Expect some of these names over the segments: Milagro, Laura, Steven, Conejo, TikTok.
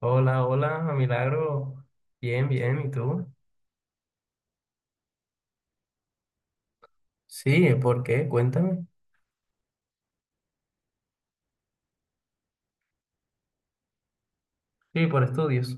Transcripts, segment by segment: Hola, hola, Milagro. Bien, bien, ¿y tú? Sí, ¿por qué? Cuéntame. Sí, por estudios.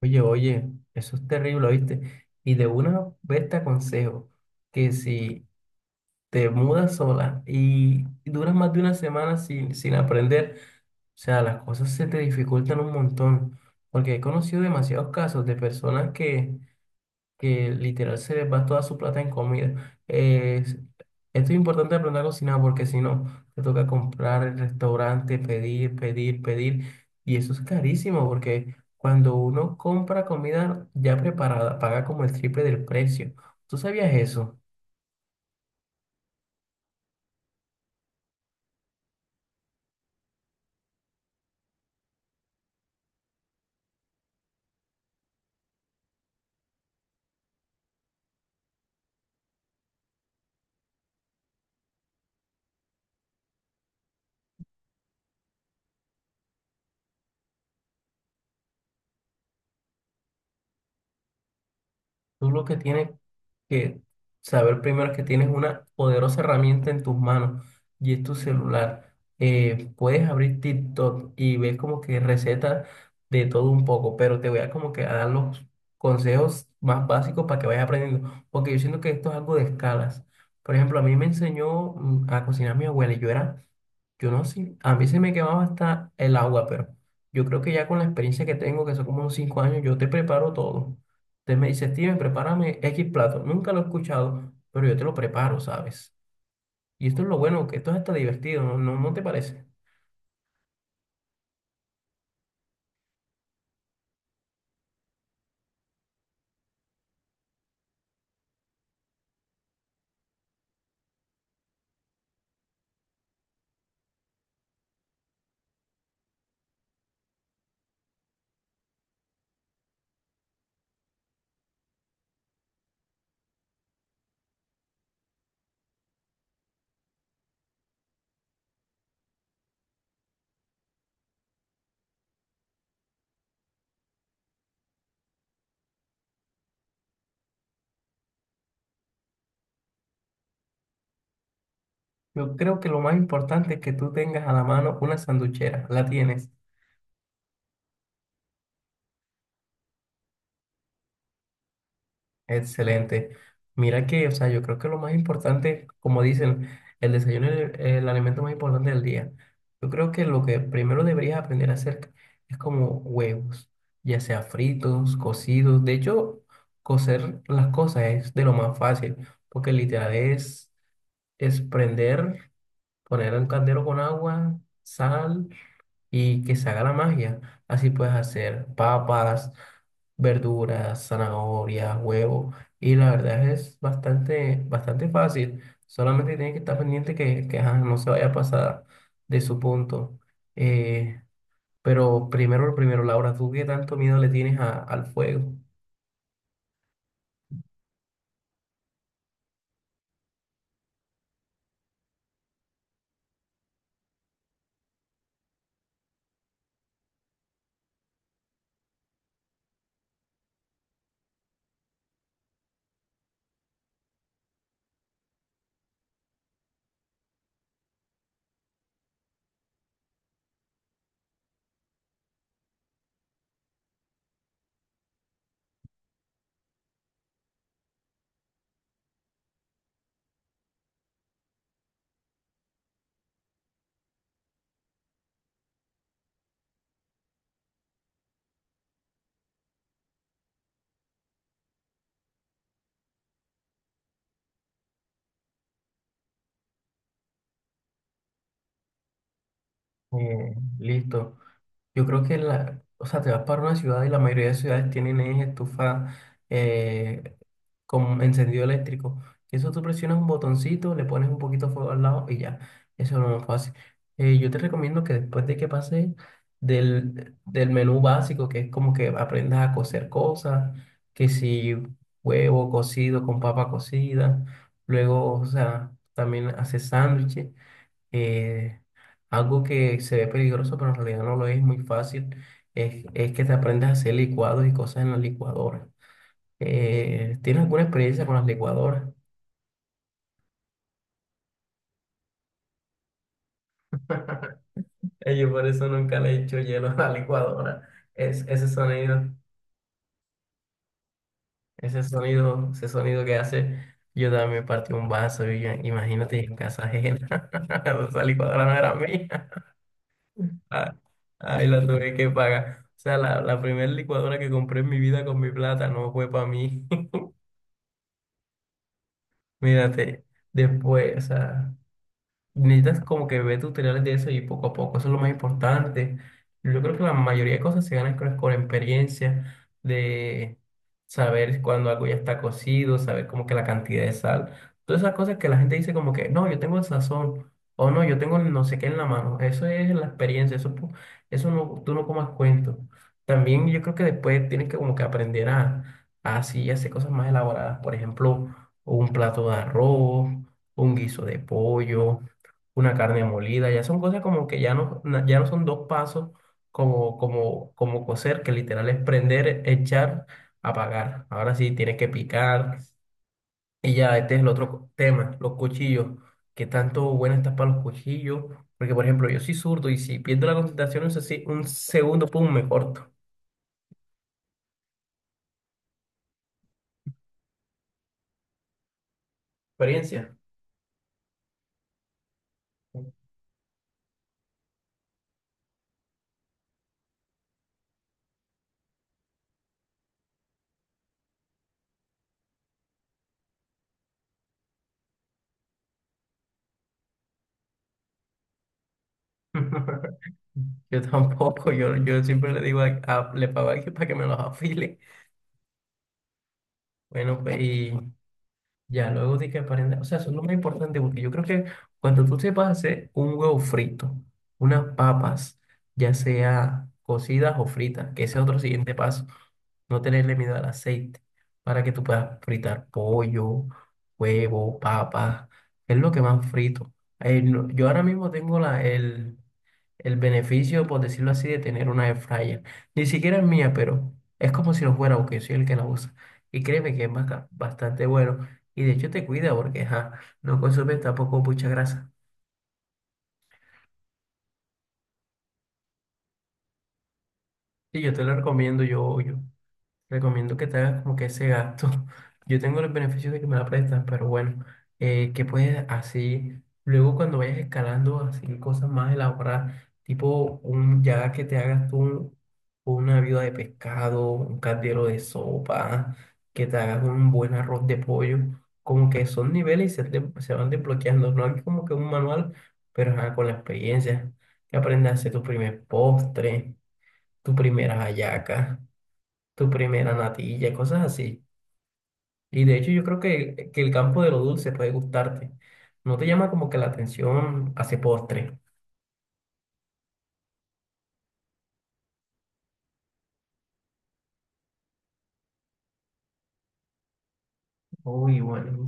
Oye, oye, eso es terrible, ¿oíste? Y de una vez te aconsejo que si te mudas sola y duras más de una semana sin aprender, o sea, las cosas se te dificultan un montón, porque he conocido demasiados casos de personas que literal se les va toda su plata en comida. Esto es importante aprender a cocinar porque si no, te toca comprar el restaurante, pedir. Y eso es carísimo porque cuando uno compra comida ya preparada, paga como el triple del precio. ¿Tú sabías eso? Tú lo que tienes que saber primero es que tienes una poderosa herramienta en tus manos y es tu celular. Puedes abrir TikTok y ves como que recetas de todo un poco, pero te voy a como que a dar los consejos más básicos para que vayas aprendiendo, porque yo siento que esto es algo de escalas. Por ejemplo, a mí me enseñó a cocinar mi abuela y yo era... Yo no sé, a mí se me quemaba hasta el agua, pero yo creo que ya con la experiencia que tengo, que son como unos 5 años, yo te preparo todo. Entonces me dice, Steven, prepárame X plato. Nunca lo he escuchado, pero yo te lo preparo, ¿sabes? Y esto es lo bueno, que esto es hasta divertido, ¿no? ¿No, no te parece? Yo creo que lo más importante es que tú tengas a la mano una sanduchera. La tienes. Excelente. Mira que, o sea, yo creo que lo más importante, como dicen, el desayuno es el alimento más importante del día. Yo creo que lo que primero deberías aprender a hacer es como huevos, ya sea fritos, cocidos. De hecho, cocer las cosas es de lo más fácil, porque literal es prender, poner en un caldero con agua, sal y que se haga la magia. Así puedes hacer papas, verduras, zanahorias, huevos. Y la verdad es bastante, bastante fácil. Solamente tienes que estar pendiente ajá, no se vaya a pasar de su punto. Eh, pero primero, lo primero, Laura, ¿tú qué tanto miedo le tienes al fuego? Eh, Listo. Yo creo que la, o sea, te vas para una ciudad y la mayoría de ciudades tienen es estufa eh, con encendido eléctrico. Y eso tú presionas un botoncito, le pones un poquito de fuego al lado y ya. Eso es lo más fácil. Yo te recomiendo que después de que pases del menú básico, que es como que aprendas a cocer cosas, que si huevo cocido con papa cocida, luego, o sea, también haces sándwiches eh, algo que se ve peligroso, pero en realidad no lo es muy fácil, es que te aprendas a hacer licuados y cosas en la licuadora. ¿Tienes alguna experiencia con las licuadoras? Yo por eso nunca le he hecho hielo a la licuadora. Es, ese sonido, ese sonido, ese sonido que hace, yo también partí un vaso y imagínate en casa ajena. Esa licuadora no era mía. Ah, Ahí la tuve que pagar. O sea, la primera licuadora que compré en mi vida con mi plata no fue para mí. Mírate, después, o sea. Necesitas como que ver tutoriales de eso y poco a poco, eso es lo más importante. Yo creo que la mayoría de cosas se ganan con experiencia, de saber cuando algo ya está cocido, saber como que la cantidad de sal, todas esas cosas que la gente dice como que, no, yo tengo el sazón, o no, yo tengo el no sé qué en la mano, eso es la experiencia, eso no, tú no comas cuento. También yo creo que después tienes que como que aprender a así hacer cosas más elaboradas, por ejemplo, un plato de arroz un guiso de pollo, una carne molida, ya son cosas como que ya ya no son dos pasos como cocer, que literal es prender, echar, apagar. Ahora sí tienes que picar. Y ya, este es el tema, los cuchillos. ¿Qué tanto buena estás para los cuchillos? Porque, por ejemplo, yo soy zurdo y si pierdo la concentración un segundo, pum, me corto. Experiencia. Yo tampoco, yo siempre le digo le pago a alguien para que me los afile. Bueno, pues y ya, luego de que aprenda, o sea, eso es lo más importante porque yo creo que cuando tú sepas hacer un huevo frito, unas papas, ya sea cocidas o fritas, que ese es otro siguiente paso, no tenerle miedo al aceite, para que tú puedas fritar pollo, huevo, papas, es lo que más frito. Yo ahora mismo tengo el beneficio, por decirlo así, de tener una air fryer. Ni siquiera es mía, pero es como si lo fuera, aunque soy el que la usa. Y créeme que es bastante bueno. Y de hecho te cuida porque ajá, no consume tampoco mucha grasa. Y yo te lo recomiendo, yo, yo. Recomiendo que te hagas como que ese gasto. Yo tengo los beneficios de que me la prestan, pero bueno, que puedes así, luego cuando vayas escalando, así cosas más elaboradas, tipo un, ya que te hagas tú una viuda de pescado, un caldero de sopa, que te hagas un buen arroz de pollo, como que son niveles y se van desbloqueando. No hay como que un manual, pero ajá, con la experiencia, que aprendas a hacer tu primer postre, tu primera hallaca tu primera natilla, cosas así. Y de hecho yo creo que el campo de lo dulce puede gustarte. ¿No te llama como que la atención hace postre? Uy, bueno.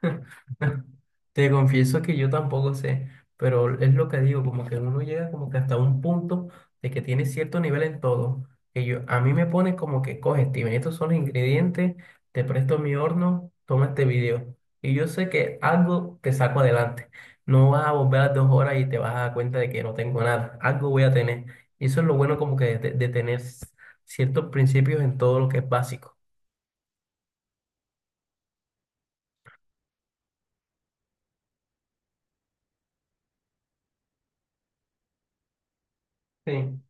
Te confieso que yo tampoco sé, pero es lo que digo, como que uno llega como que hasta un punto de que tiene cierto nivel en todo, que yo, a mí me pone como que coge, Steven, estos son los ingredientes, te presto mi horno, toma este video. Y yo sé que algo te saco adelante. No vas a volver a las 2 horas y te vas a dar cuenta de que no tengo nada, algo voy a tener. Y eso es lo bueno como que de tener ciertos principios en todo lo que es básico. Sí.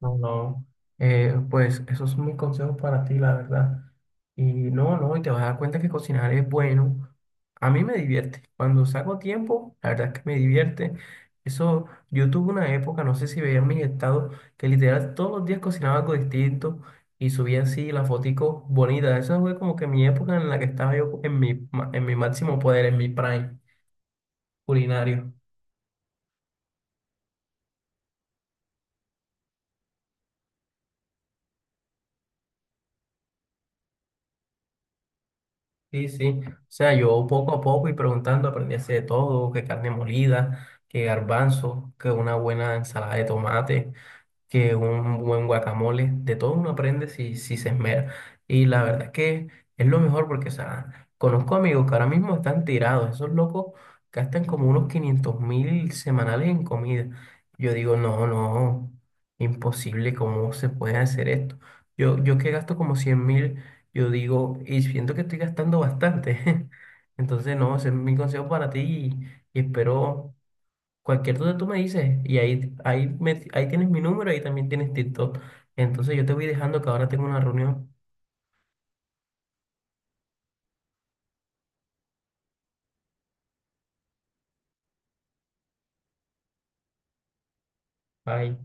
No, no. Pues eso es un consejo para ti, la verdad. Y no, no, y te vas a dar cuenta que cocinar es bueno. A mí me divierte. Cuando saco tiempo, la verdad es que me divierte. Eso, yo tuve una época, no sé si veían mis estados, que literal todos los días cocinaba algo distinto y subía así la fotico bonita. Eso fue como que mi época en la que estaba yo en en mi máximo poder, en mi prime culinario. Sí, sí. O sea, yo poco a poco y preguntando aprendí a hacer de todo, que carne molida, que garbanzo, que una buena ensalada de tomate que un buen guacamole, de todo uno aprende si, si se esmera. Y la verdad es que es lo mejor porque, o sea, conozco amigos que ahora mismo están tirados, esos locos gastan como unos 500.000 semanales en comida. Yo digo, no, no, imposible, ¿cómo se puede hacer esto? Yo que gasto como 100.000, yo digo, y siento que estoy gastando bastante. Entonces, no, ese es mi consejo para ti y espero. Cualquier duda tú me dices y ahí, ahí, ahí tienes mi número, ahí también tienes TikTok. Entonces yo te voy dejando que ahora tengo una reunión. Bye.